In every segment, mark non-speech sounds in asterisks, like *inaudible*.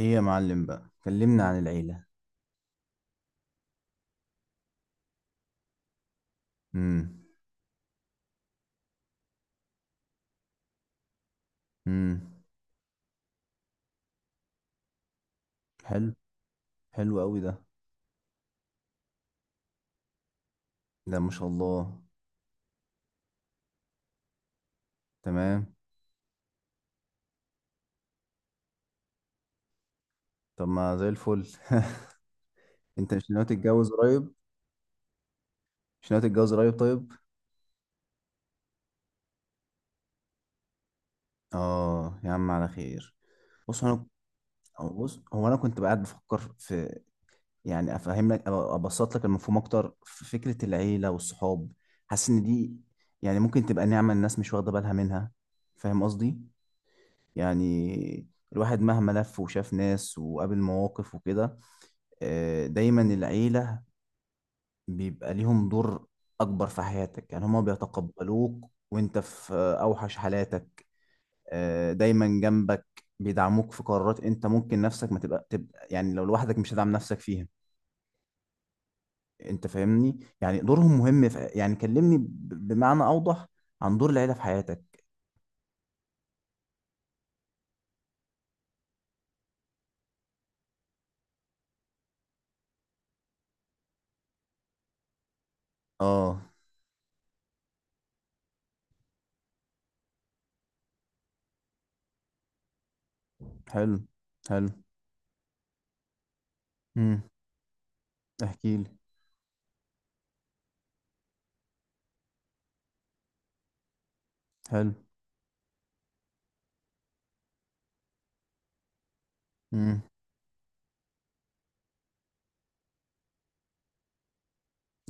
ايه يا معلم بقى، كلمنا عن العيلة. امم. امم. حلو. حلو قوي ده. ده ما شاء الله. تمام. طب ما زي الفل. *laughs* انت مش ناوي تتجوز قريب؟ مش ناوي تتجوز قريب؟ طيب. اه، يا عم على خير. بص انا بص هو انا كنت قاعد بفكر في يعني افهم لك أو ابسط لك المفهوم اكتر في فكرة العيلة والصحاب. حاسس ان دي يعني ممكن تبقى نعمة، الناس مش واخدة بالها منها. فاهم قصدي؟ يعني الواحد مهما لف وشاف ناس وقابل مواقف وكده، دايما العيلة بيبقى ليهم دور أكبر في حياتك. يعني هما بيتقبلوك وانت في أوحش حالاتك. دايما جنبك، بيدعموك في قرارات انت ممكن نفسك ما تبقى, تبقى، يعني لو لوحدك مش هتدعم نفسك فيها. انت فاهمني؟ يعني دورهم مهم في، يعني كلمني بمعنى أوضح عن دور العيلة في حياتك. اه. حلو. حلو. امم. احكي لي. حلو. امم.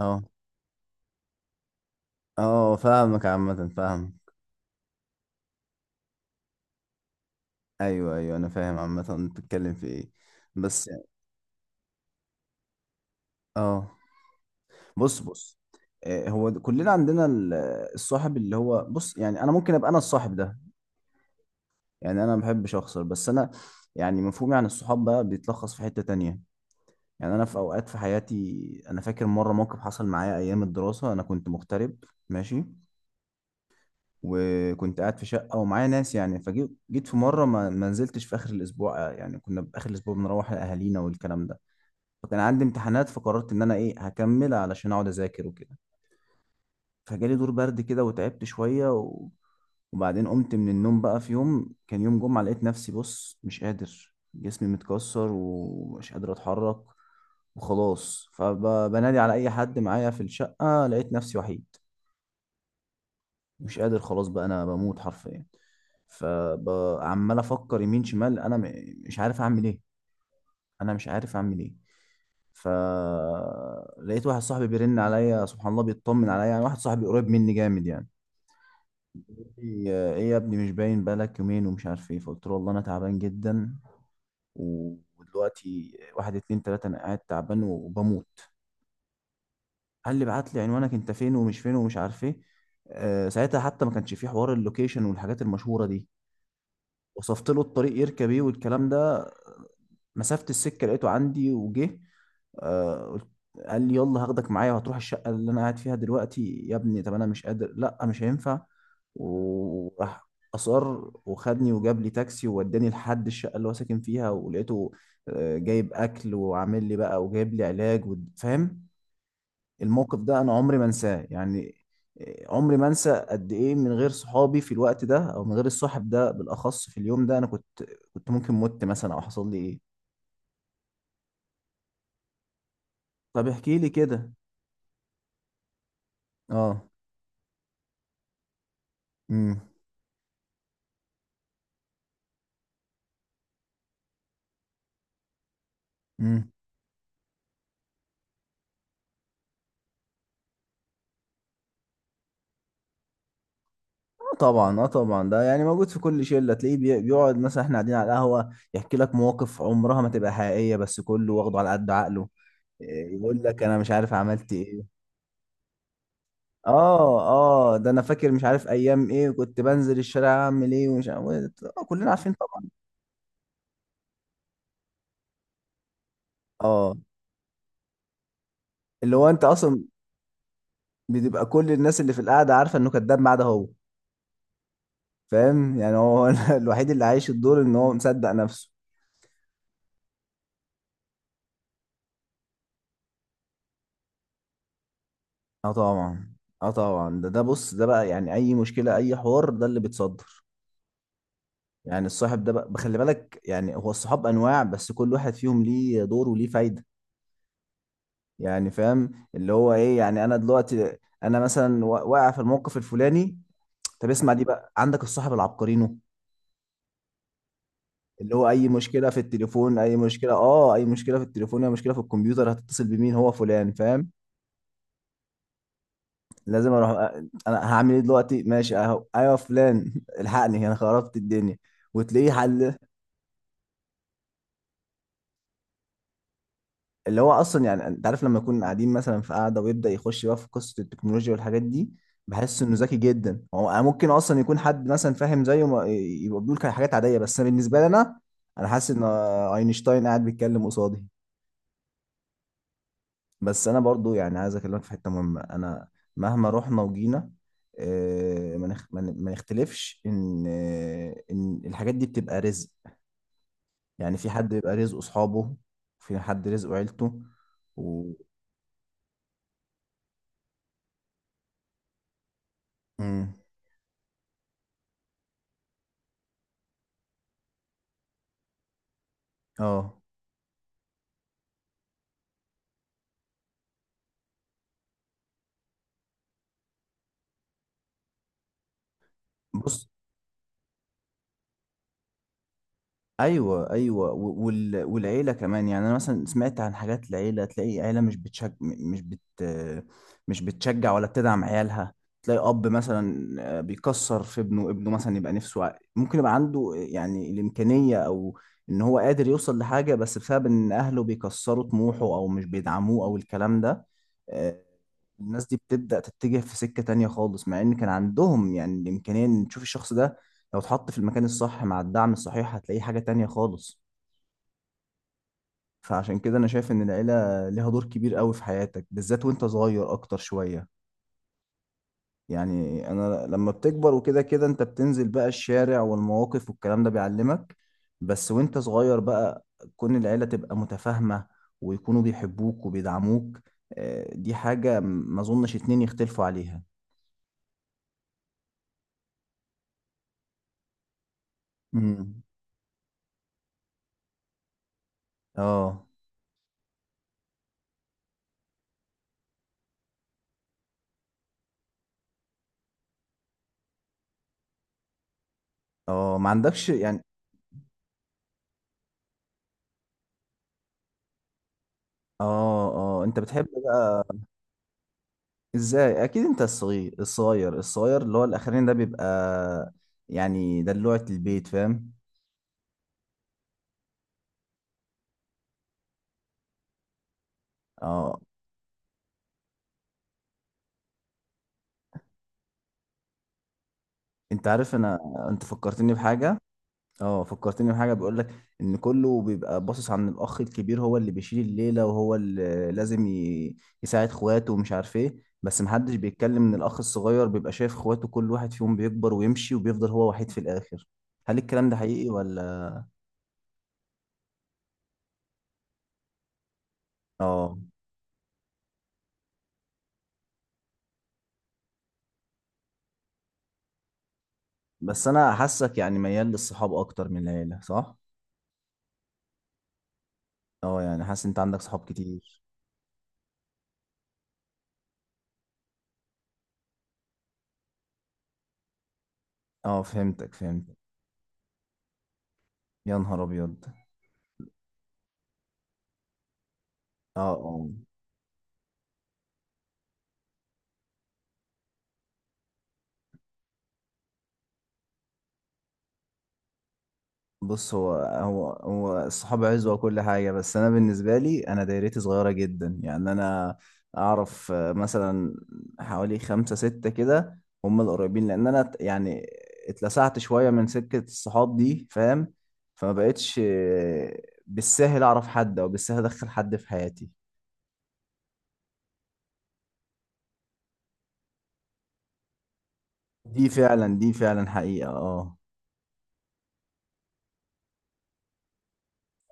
اه، اه، فاهمك عامة، فاهم. ايوه، ايوه، انا فاهم عامة انت بتتكلم في ايه، بس. اه. بص، بص. كلنا عندنا الصاحب اللي هو، بص، يعني انا ممكن ابقى انا الصاحب ده. يعني انا ما بحبش اخسر، بس انا يعني مفهومي عن الصحاب بقى بيتلخص في حتة تانية. يعني انا في اوقات في حياتي انا فاكر مرة موقف حصل معايا ايام الدراسة انا كنت مغترب. ماشي. وكنت قاعد في شقة ومعايا ناس، يعني فجيت في مرة ما نزلتش في آخر الأسبوع. يعني كنا في آخر الأسبوع بنروح لأهالينا والكلام ده. فكان عندي امتحانات، فقررت ان انا ايه هكمل علشان اقعد اذاكر وكده. فجالي دور برد كده وتعبت شويه وبعدين قمت من النوم بقى في يوم كان يوم جمعه، لقيت نفسي بص مش قادر، جسمي متكسر ومش قادر اتحرك. وخلاص، فبنادي على اي حد معايا في الشقه، لقيت نفسي وحيد. مش قادر خلاص بقى، انا بموت حرفيا. فعمال افكر يمين شمال، انا مش عارف اعمل ايه. انا مش عارف اعمل ايه. فلقيت واحد صاحبي بيرن عليا، سبحان الله، بيطمن عليا، يعني واحد صاحبي قريب مني جامد يعني. ايه، يا ابني، مش باين بقالك يومين ومش عارف ايه. فقلت له والله انا تعبان جدا. ودلوقتي، واحد، اتنين، تلاتة، انا قاعد تعبان وبموت. قال لي بعت لي عنوانك، انت فين ومش فين ومش عارف ايه. ساعتها حتى ما كانش في حوار اللوكيشن والحاجات المشهورة دي. وصفت له الطريق يركب ايه والكلام ده. مسافة السكة لقيته عندي، وجه. آه، قلت- قال لي يلا، هاخدك معايا وهتروح الشقة اللي أنا قاعد فيها دلوقتي. يا ابني طب أنا مش قادر، لأ مش هينفع. وراح. أصر. وخدني، وجاب لي تاكسي ووداني لحد الشقة اللي هو ساكن فيها، ولقيته جايب أكل وعامل لي بقى، وجايب لي علاج فاهم. الموقف ده أنا عمري ما أنساه يعني. عمري ما أنسى قد إيه من غير صحابي في الوقت ده، أو من غير الصاحب ده بالأخص في اليوم ده، أنا كنت، كنت ممكن مت مثلا أو حصل لي إيه. طب احكي لي كده. اه. امم. امم. آه طبعا، اه طبعا، ده يعني موجود في كل شله. تلاقيه بيقعد مثلا احنا قاعدين على القهوه، يحكي لك مواقف عمرها ما تبقى حقيقيه، بس كله واخده على قد عقله. يقول لك انا مش عارف عملت ايه. اه، اه، ده انا فاكر مش عارف ايام ايه، وكنت بنزل الشارع اعمل ايه ومش عارف إيه. آه، كلنا عارفين طبعا. اه. اللي هو انت اصلا بتبقى كل الناس اللي في القعده عارفه انه كذاب ما عدا هو. فاهم يعني؟ هو *laughs* الوحيد اللي عايش الدور ان هو مصدق نفسه. اه طبعا، اه طبعا، ده بص، ده بقى يعني اي مشكله، اي حوار، ده اللي بيتصدر. يعني الصاحب ده بقى بخلي بالك، يعني هو الصحاب انواع، بس كل واحد فيهم ليه دور وليه فايده. يعني فاهم اللي هو ايه؟ يعني انا دلوقتي انا مثلا واقع في الموقف الفلاني. طب اسمع دي بقى، عندك الصاحب العبقرينو، اللي هو اي مشكله في التليفون، اي مشكله في التليفون، اي مشكله في الكمبيوتر، هتتصل بمين؟ هو فلان، فاهم. لازم اروح انا هعمل ايه دلوقتي؟ ماشي اهو، ايوه يا فلان، الحقني، انا خربت الدنيا. وتلاقيه حل. اللي هو اصلا يعني انت عارف لما يكون قاعدين مثلا في قاعده ويبدا يخش بقى في قصه التكنولوجيا والحاجات دي، بحس انه ذكي جدا. هو ممكن اصلا يكون حد مثلا فاهم زيه يبقى بيقول حاجات عاديه، بس أنا بالنسبه لي انا حاسس ان اينشتاين قاعد بيتكلم قصادي. بس انا برضو يعني عايز اكلمك في حته مهمه، انا مهما رحنا وجينا، آه، ما نخ- ما ن- ما نختلفش ان الحاجات دي بتبقى رزق. يعني في حد بيبقى رزقه اصحابه، وفي حد رزقه عيلته و... مم. اه. بص. ايوه، ايوه، والعيله كمان. يعني انا مثلا سمعت عن حاجات العيله، تلاقي عيله مش بتشج... م- مش بت مش بتشجع ولا بتدعم عيالها. تلاقي اب مثلا بيكسر في ابنه. مثلا يبقى نفسه ممكن يبقى عنده يعني الامكانيه، او ان هو قادر يوصل لحاجه، بس بسبب ان اهله بيكسروا طموحه او مش بيدعموه او الكلام ده. آه، الناس دي بتبدا تتجه في سكه تانية خالص، مع ان كان عندهم يعني الامكانيه ان تشوف الشخص ده لو اتحط في المكان الصح مع الدعم الصحيح، هتلاقيه حاجة تانية خالص. فعشان كده أنا شايف إن العيلة ليها دور كبير قوي في حياتك، بالذات وأنت صغير أكتر شوية. يعني أنا لما بتكبر وكده كده أنت بتنزل بقى الشارع، والمواقف والكلام ده بيعلمك. بس وأنت صغير بقى، كون العيلة تبقى متفاهمة، ويكونوا بيحبوك وبيدعموك، دي حاجة ما أظنش اتنين يختلفوا عليها. امم. اه، اه، ما عندكش يعني. اه، اه، انت بتحب بقى. ازاي؟ اكيد انت الصغير الصغير الصغير اللي هو الاخرين، ده بيبقى يعني دلوعة البيت، فاهم. اه. انت عارف انا، انت فكرتني بحاجة. اه، فكرتني بحاجة. بيقول لك ان كله بيبقى باصص عن الاخ الكبير، هو اللي بيشيل الليلة وهو اللي لازم يساعد اخواته ومش عارف ايه. بس محدش بيتكلم ان الاخ الصغير بيبقى شايف اخواته كل واحد فيهم بيكبر ويمشي، وبيفضل هو وحيد في الاخر. هل الكلام ده حقيقي ولا؟ اه. بس انا حاسك يعني ميال للصحاب اكتر من العيلة، صح؟ اه، يعني حاسس انت عندك صحاب كتير. اه، فهمتك، فهمتك. يا نهار ابيض. اه، اه. بص، هو الصحاب عزوة وكل حاجة، بس انا بالنسبة لي انا دايرتي صغيرة جدا، يعني انا اعرف مثلا حوالي خمسة ستة كده، هم القريبين. لان انا يعني اتلسعت شوية من سكة الصحاب دي، فاهم. فما بقتش بالسهل اعرف حد او بالسهل ادخل حد في حياتي. دي فعلا، دي فعلا حقيقة، اه.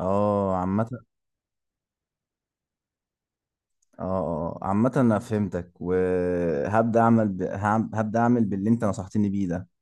اه، عامة. اه، آه، اه، عامة انا فهمتك، وهبدأ اعمل ب... هعم- هبدأ اعمل باللي انت نصحتني بيه ده.